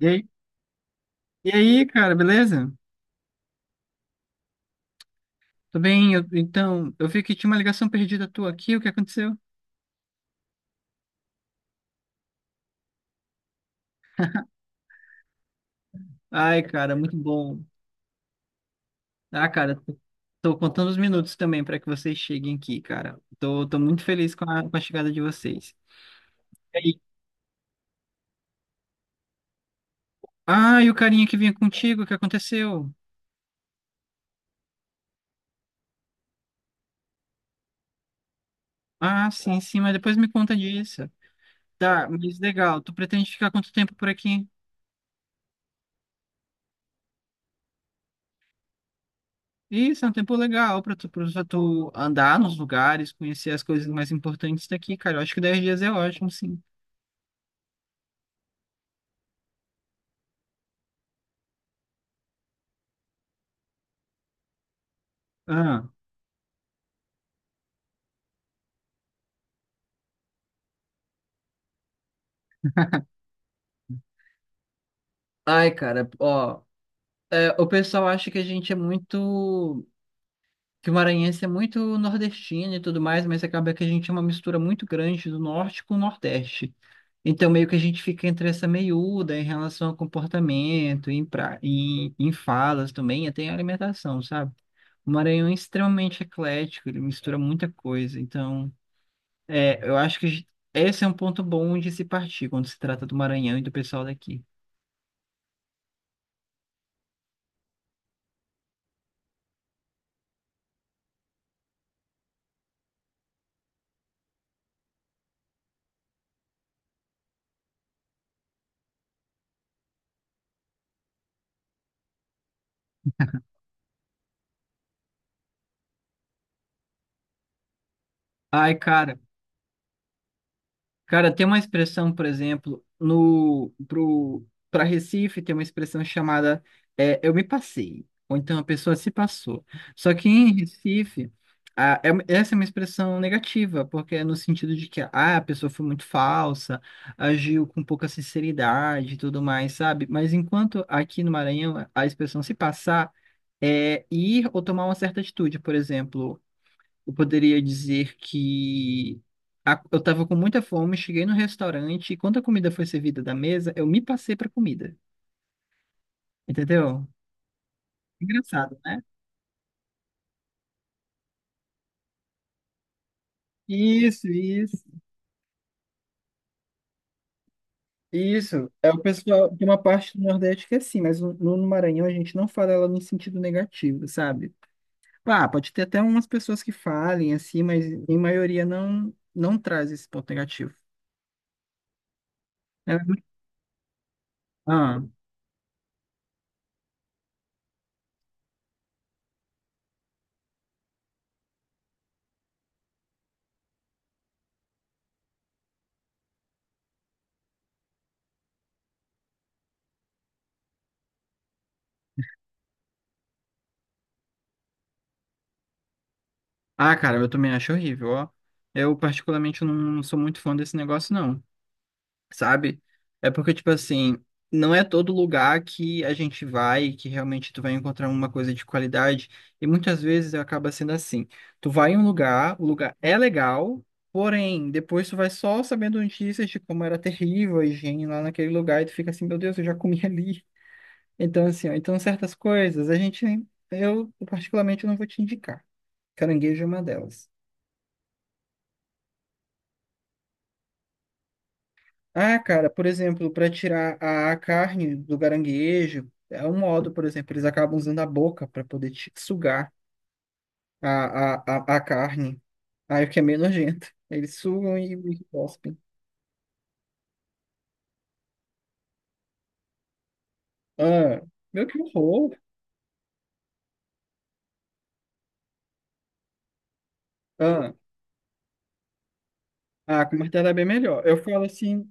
E aí, e aí, cara, beleza? Tô bem, então, eu vi que tinha uma ligação perdida tua aqui, o que aconteceu? Ai, cara, muito bom. Ah, cara, tô contando os minutos também pra que vocês cheguem aqui, cara. Tô muito feliz com a chegada de vocês. E aí? Ah, e o carinha que vinha contigo, o que aconteceu? Ah, sim, sim, mas depois me conta disso. Tá, mas legal, tu pretende ficar quanto tempo por aqui? Isso, é um tempo legal pra tu andar nos lugares, conhecer as coisas mais importantes daqui, cara. Eu acho que 10 dias é ótimo, sim. Ah. Ai, cara, ó, é, o pessoal acha que a gente é muito, que o maranhense é muito nordestino e tudo mais, mas acaba que a gente é uma mistura muito grande do norte com o nordeste. Então, meio que a gente fica entre essa meiúda em relação ao comportamento, em falas também, até em alimentação, sabe? O Maranhão é extremamente eclético, ele mistura muita coisa. Então, é, eu acho que esse é um ponto bom de se partir quando se trata do Maranhão e do pessoal daqui. Ai, cara. Cara, tem uma expressão, por exemplo, no pro para Recife tem uma expressão chamada é, eu me passei, ou então a pessoa se passou. Só que em Recife, essa é uma expressão negativa, porque é no sentido de que a pessoa foi muito falsa, agiu com pouca sinceridade e tudo mais, sabe? Mas enquanto aqui no Maranhão a expressão se passar é ir ou tomar uma certa atitude, por exemplo, eu poderia dizer que eu estava com muita fome, cheguei no restaurante e quando a comida foi servida da mesa, eu me passei para comida. Entendeu? Engraçado, né? Isso, isso, isso. É o pessoal de uma parte do Nordeste que é assim, mas no Maranhão a gente não fala ela no sentido negativo, sabe? Pá, pode ter até umas pessoas que falem assim, mas em maioria não, não traz esse ponto negativo. É, ah, cara, eu também acho horrível, ó. Eu particularmente não sou muito fã desse negócio, não. Sabe? É porque, tipo assim, não é todo lugar que a gente vai que realmente tu vai encontrar uma coisa de qualidade. E muitas vezes acaba sendo assim. Tu vai em um lugar, o lugar é legal, porém, depois tu vai só sabendo notícias de como era terrível a higiene lá naquele lugar e tu fica assim, meu Deus, eu já comi ali. Então, assim, ó, então certas coisas a gente, eu particularmente não vou te indicar. Caranguejo é uma delas. Ah, cara, por exemplo, para tirar a carne do caranguejo, é um modo, por exemplo, eles acabam usando a boca para poder sugar a carne. Aí o que é meio nojento. Eles sugam e cospem. Ah, meu, que horror. Ah, ah, com martelo é bem melhor. Eu falo assim,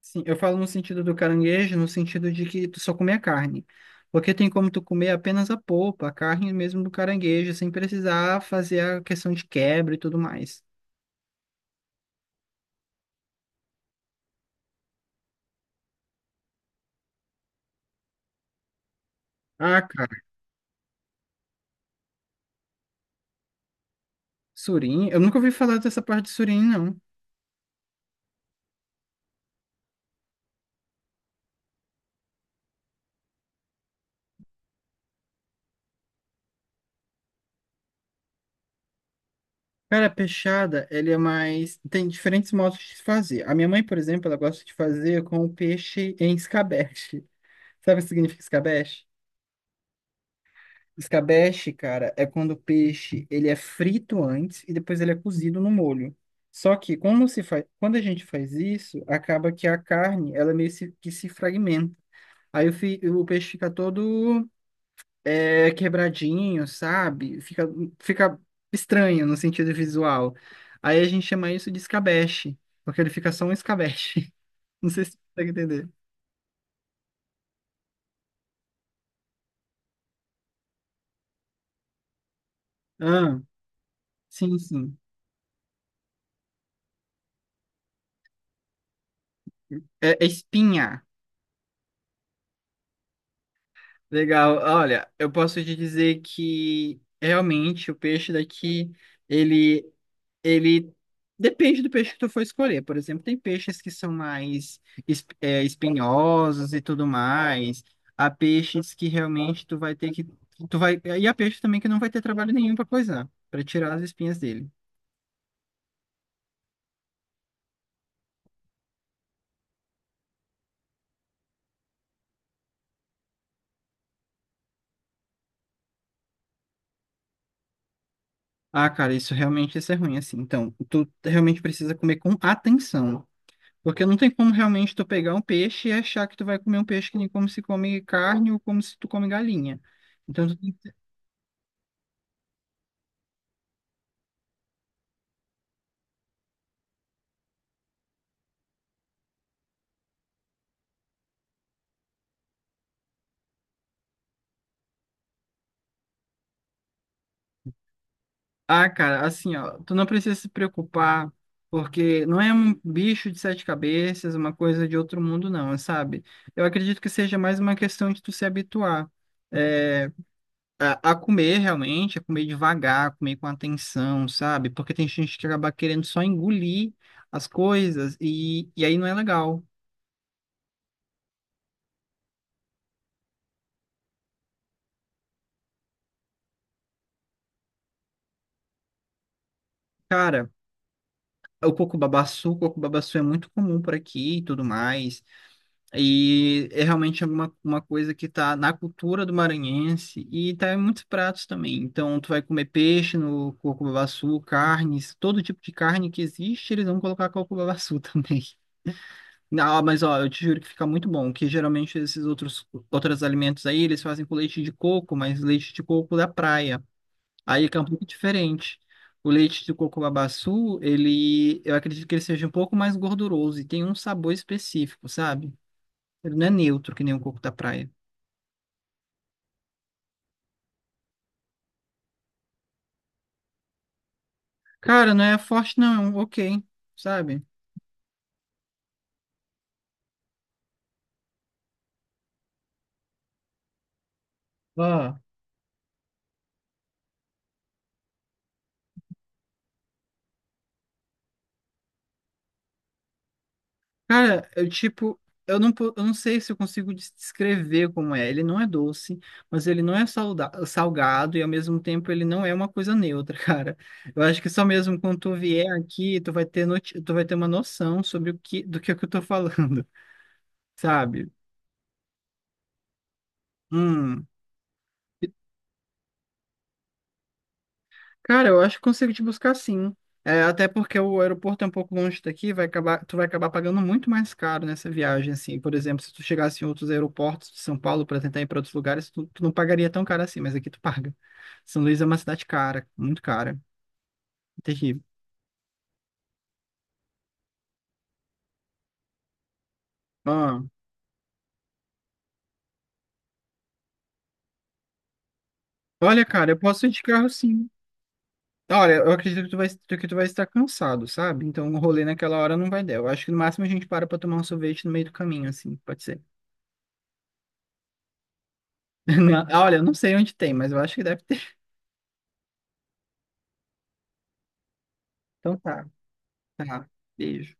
sim, eu falo no sentido do caranguejo, no sentido de que tu só comer a carne. Porque tem como tu comer apenas a polpa, a carne mesmo do caranguejo, sem precisar fazer a questão de quebra e tudo mais. Ah, cara. Surim? Eu nunca ouvi falar dessa parte de surim, não. Cara, peixada, ele é mais. Tem diferentes modos de se fazer. A minha mãe, por exemplo, ela gosta de fazer com o peixe em escabeche. Sabe o que significa escabeche? Escabeche, cara, é quando o peixe ele é frito antes e depois ele é cozido no molho. Só que como se faz, quando a gente faz isso, acaba que a carne, ela meio que se fragmenta. Aí o peixe fica todo é quebradinho, sabe? Fica estranho no sentido visual. Aí a gente chama isso de escabeche, porque ele fica só um escabeche. Não sei se você consegue entender. Ah, sim, sim. É, é espinha. Legal. Olha, eu posso te dizer que realmente o peixe daqui, ele Ele depende do peixe que tu for escolher. Por exemplo, tem peixes que são mais espinhosos e tudo mais. Há peixes que realmente tu vai ter que tu vai e há peixes também que não vai ter trabalho nenhum para coisar, para tirar as espinhas dele. Ah, cara, isso realmente isso é ruim assim. Então, tu realmente precisa comer com atenção. Porque não tem como realmente tu pegar um peixe e achar que tu vai comer um peixe que nem como se come carne ou como se tu come galinha. Então, tu. Ah, cara, assim, ó, tu não precisa se preocupar, porque não é um bicho de sete cabeças, uma coisa de outro mundo, não, sabe? Eu acredito que seja mais uma questão de tu se habituar, é, a comer realmente, a comer devagar, a comer com atenção, sabe? Porque tem gente que acaba querendo só engolir as coisas e aí não é legal. Cara, o coco babaçu é muito comum por aqui e tudo mais. E é realmente uma coisa que está na cultura do maranhense e está em muitos pratos também. Então, tu vai comer peixe no coco-babassu, carnes, todo tipo de carne que existe, eles vão colocar coco-babassu também. Não, mas ó, eu te juro que fica muito bom, que geralmente esses outros alimentos aí, eles fazem com leite de coco, mas leite de coco da praia. Aí fica um pouco diferente. O leite de coco-babassu, ele, eu acredito que ele seja um pouco mais gorduroso e tem um sabor específico, sabe? Ele não é neutro, que nem o coco da praia. Cara, não é forte, não. Ok, sabe? Ó. Cara, eu tipo. Eu não sei se eu consigo descrever como é. Ele não é doce, mas ele não é salgado e ao mesmo tempo ele não é uma coisa neutra, cara. Eu acho que só mesmo quando tu vier aqui, tu vai ter uma noção sobre do que, é que eu tô falando, sabe? Hum. Cara, eu acho que consigo te buscar sim. É, até porque o aeroporto é um pouco longe daqui, tu vai acabar pagando muito mais caro nessa viagem, assim. Por exemplo, se tu chegasse em outros aeroportos de São Paulo para tentar ir para outros lugares, tu não pagaria tão caro assim, mas aqui tu paga. São Luís é uma cidade cara, muito cara, terrível. Ah, olha, cara, eu posso ir de carro sim. Olha, eu acredito que tu vai estar cansado, sabe? Então o rolê naquela hora não vai dar. Eu acho que no máximo a gente para para tomar um sorvete no meio do caminho, assim, pode ser. Não, olha, eu não sei onde tem, mas eu acho que deve ter. Então tá. Tá, beijo.